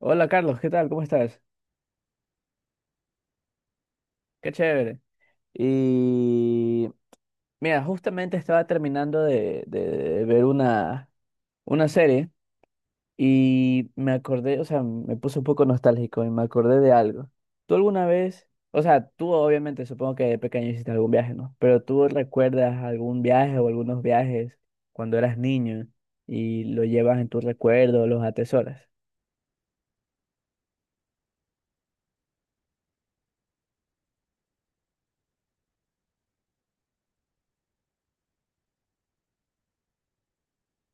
Hola Carlos, ¿qué tal? ¿Cómo estás? Qué chévere. Y mira, justamente estaba terminando de ver una serie y me acordé, o sea, me puse un poco nostálgico y me acordé de algo. ¿Tú alguna vez, o sea, tú obviamente supongo que de pequeño hiciste algún viaje, ¿no? Pero tú recuerdas algún viaje o algunos viajes cuando eras niño y lo llevas en tus recuerdos, los atesoras.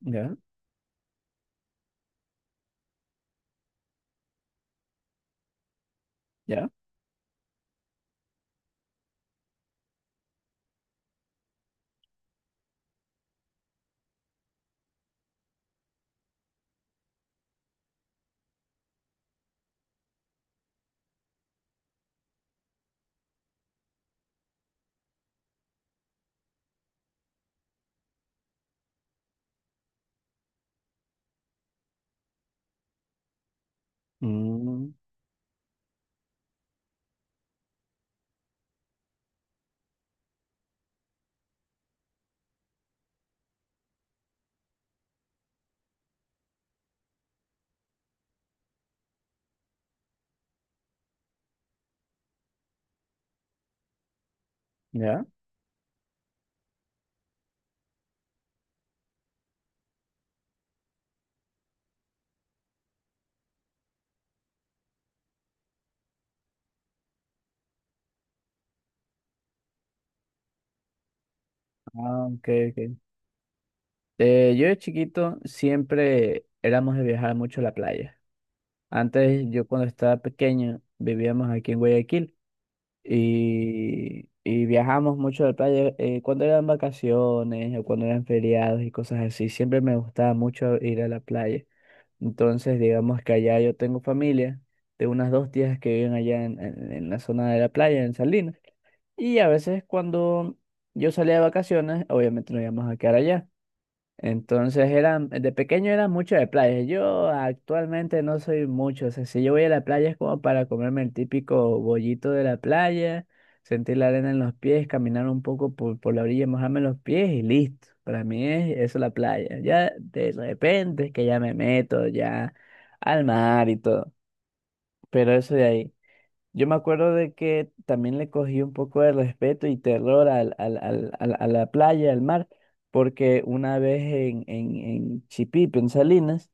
¿Ya? ¿Ya? Mm, ¿ya? Ah, ok, ok. Yo de chiquito siempre éramos de viajar mucho a la playa. Antes, yo cuando estaba pequeño, vivíamos aquí en Guayaquil y viajamos mucho a la playa cuando eran vacaciones o cuando eran feriados y cosas así. Siempre me gustaba mucho ir a la playa. Entonces, digamos que allá yo tengo familia de unas dos tías que viven allá en la zona de la playa, en Salinas. Y a veces cuando yo salía de vacaciones, obviamente nos íbamos a quedar allá. Entonces era, de pequeño era mucho de playa. Yo actualmente no soy mucho. O sea, si yo voy a la playa es como para comerme el típico bollito de la playa, sentir la arena en los pies, caminar un poco por la orilla, mojarme los pies y listo. Para mí es eso la playa. Ya de repente es que ya me meto ya al mar y todo. Pero eso de ahí. Yo me acuerdo de que también le cogí un poco de respeto y terror a la playa, al mar, porque una vez en Chipipe, en Salinas,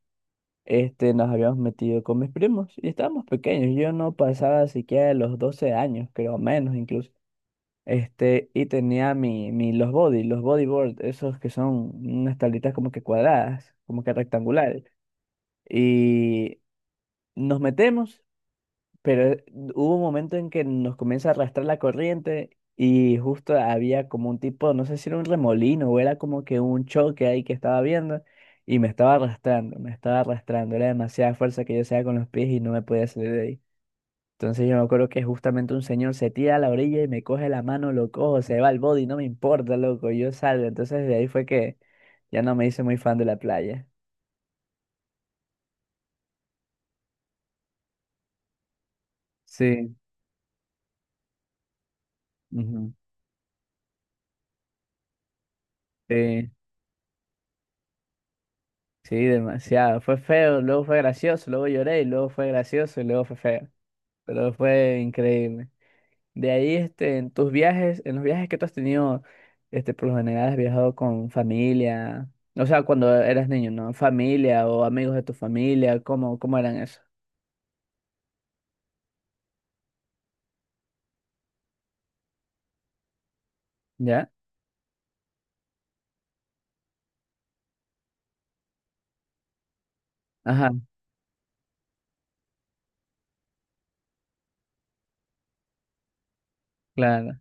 nos habíamos metido con mis primos y estábamos pequeños. Yo no pasaba siquiera de los 12 años, creo, menos incluso. Y tenía los body, los bodyboard, esos que son unas tablitas como que cuadradas, como que rectangulares. Y nos metemos. Pero hubo un momento en que nos comienza a arrastrar la corriente y justo había como un tipo, no sé si era un remolino o era como que un choque ahí que estaba viendo y me estaba arrastrando, me estaba arrastrando. Era demasiada fuerza que yo hacía con los pies y no me podía salir de ahí. Entonces yo me acuerdo que justamente un señor se tira a la orilla y me coge la mano, lo cojo, se va al body, no me importa, loco, yo salgo. Entonces de ahí fue que ya no me hice muy fan de la playa. Sí. Ujú. Sí. Sí, demasiado. Fue feo, luego fue gracioso, luego lloré, y luego fue gracioso y luego fue feo. Pero fue increíble. De ahí, en tus viajes, en los viajes que tú has tenido, por lo general has viajado con familia, o sea, cuando eras niño, ¿no? Familia o amigos de tu familia, ¿cómo, cómo eran eso? ¿Ya? Ajá, claro,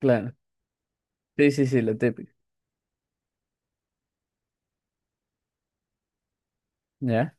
claro. Sí, sí, sí, lo típico. ¿Ya?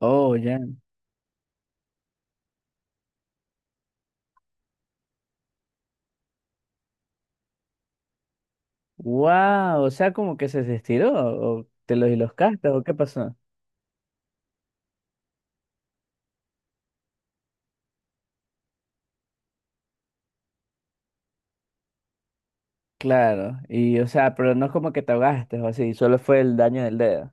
Oh, ya. Wow, o sea, como que se estiró, o te los y los castas, o qué pasó. Claro, y o sea, pero no es como que te ahogaste o así, solo fue el daño del dedo.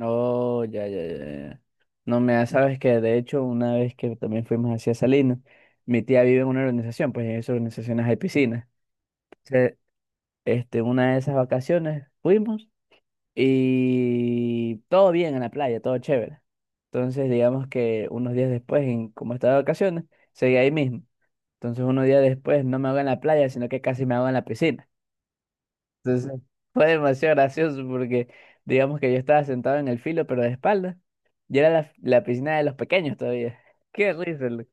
Oh, ya, ya, ya, ya. No me da- sabes que de hecho una vez que también fuimos hacia Salinas, mi tía vive en una organización, pues en esas organizaciones hay piscinas. Entonces, una de esas vacaciones fuimos y todo bien en la playa, todo chévere. Entonces, digamos que unos días después, como estaba de vacaciones, seguí ahí mismo. Entonces, unos días después no me hago en la playa, sino que casi me hago en la piscina. Entonces fue demasiado gracioso porque digamos que yo estaba sentado en el filo, pero de espalda. Y era la piscina de los pequeños todavía. Qué risa, loco.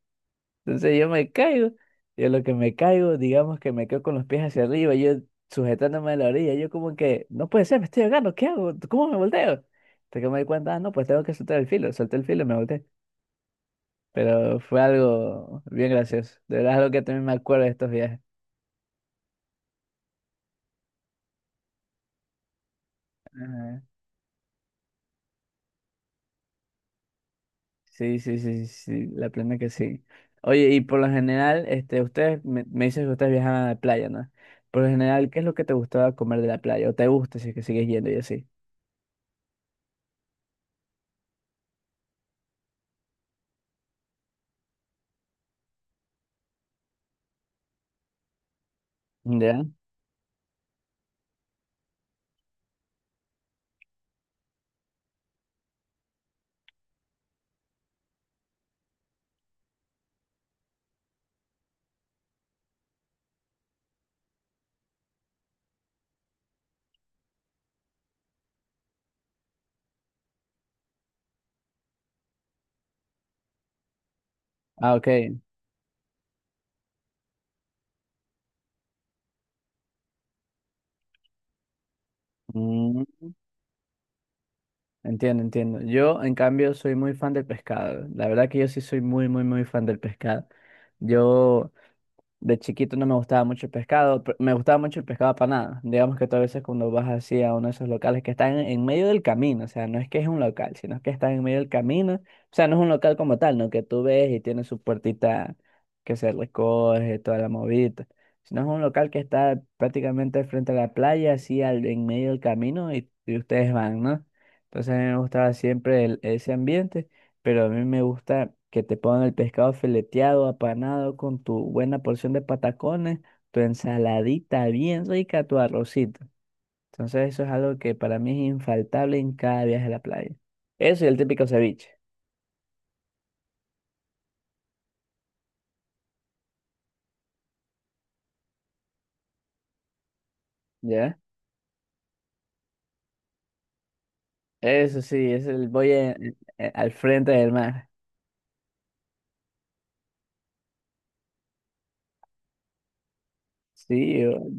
Entonces yo me caigo. Y lo que me caigo, digamos que me quedo con los pies hacia arriba, yo sujetándome a la orilla. Yo como que, no puede ser, me estoy ahogando, ¿qué hago? ¿Cómo me volteo? Hasta que me di cuenta, ah, no, pues tengo que soltar el filo. Solté el filo y me volteé. Pero fue algo bien gracioso. De verdad es algo que también me acuerdo de estos viajes. Ajá. Sí, sí, sí, sí, sí, la plena que sí. Oye, y por lo general, ustedes me dices que ustedes viajaban a la playa, ¿no? Por lo general, ¿qué es lo que te gustaba comer de la playa? ¿O te gusta si es que sigues yendo y así? ¿Ya? Ah, ok. Mm, entiendo, entiendo. Yo, en cambio, soy muy fan del pescado. La verdad que yo sí soy muy, muy, muy fan del pescado. Yo de chiquito no me gustaba mucho el pescado, me gustaba mucho el pescado apanado. Digamos que tú a veces cuando vas así a uno de esos locales que están en medio del camino, o sea, no es que es un local, sino que están en medio del camino, o sea, no es un local como tal, no que tú ves y tiene su puertita que se recoge, toda la movida, sino es un local que está prácticamente frente a la playa, así al, en medio del camino y ustedes van, ¿no? Entonces a mí me gustaba siempre ese ambiente, pero a mí me gusta que te pongan el pescado fileteado, apanado, con tu buena porción de patacones, tu ensaladita bien rica, tu arrocito. Entonces eso es algo que para mí es infaltable en cada viaje a la playa. Eso y el típico ceviche. ¿Ya? Eso sí, es el voy al frente del mar. Sí, o-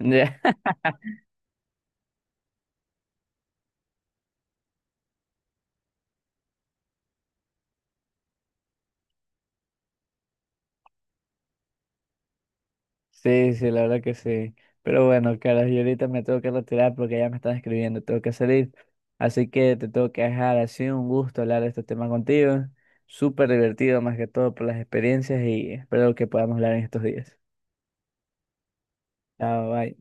ya. Sí, sí, la verdad que sí. Pero bueno, Carlos, yo ahorita me tengo que retirar porque ya me están escribiendo, tengo que salir. Así que te tengo que dejar. Ha sido un gusto hablar de este tema contigo. Súper divertido, más que todo por las experiencias y espero que podamos hablar en estos días. Chao, bye.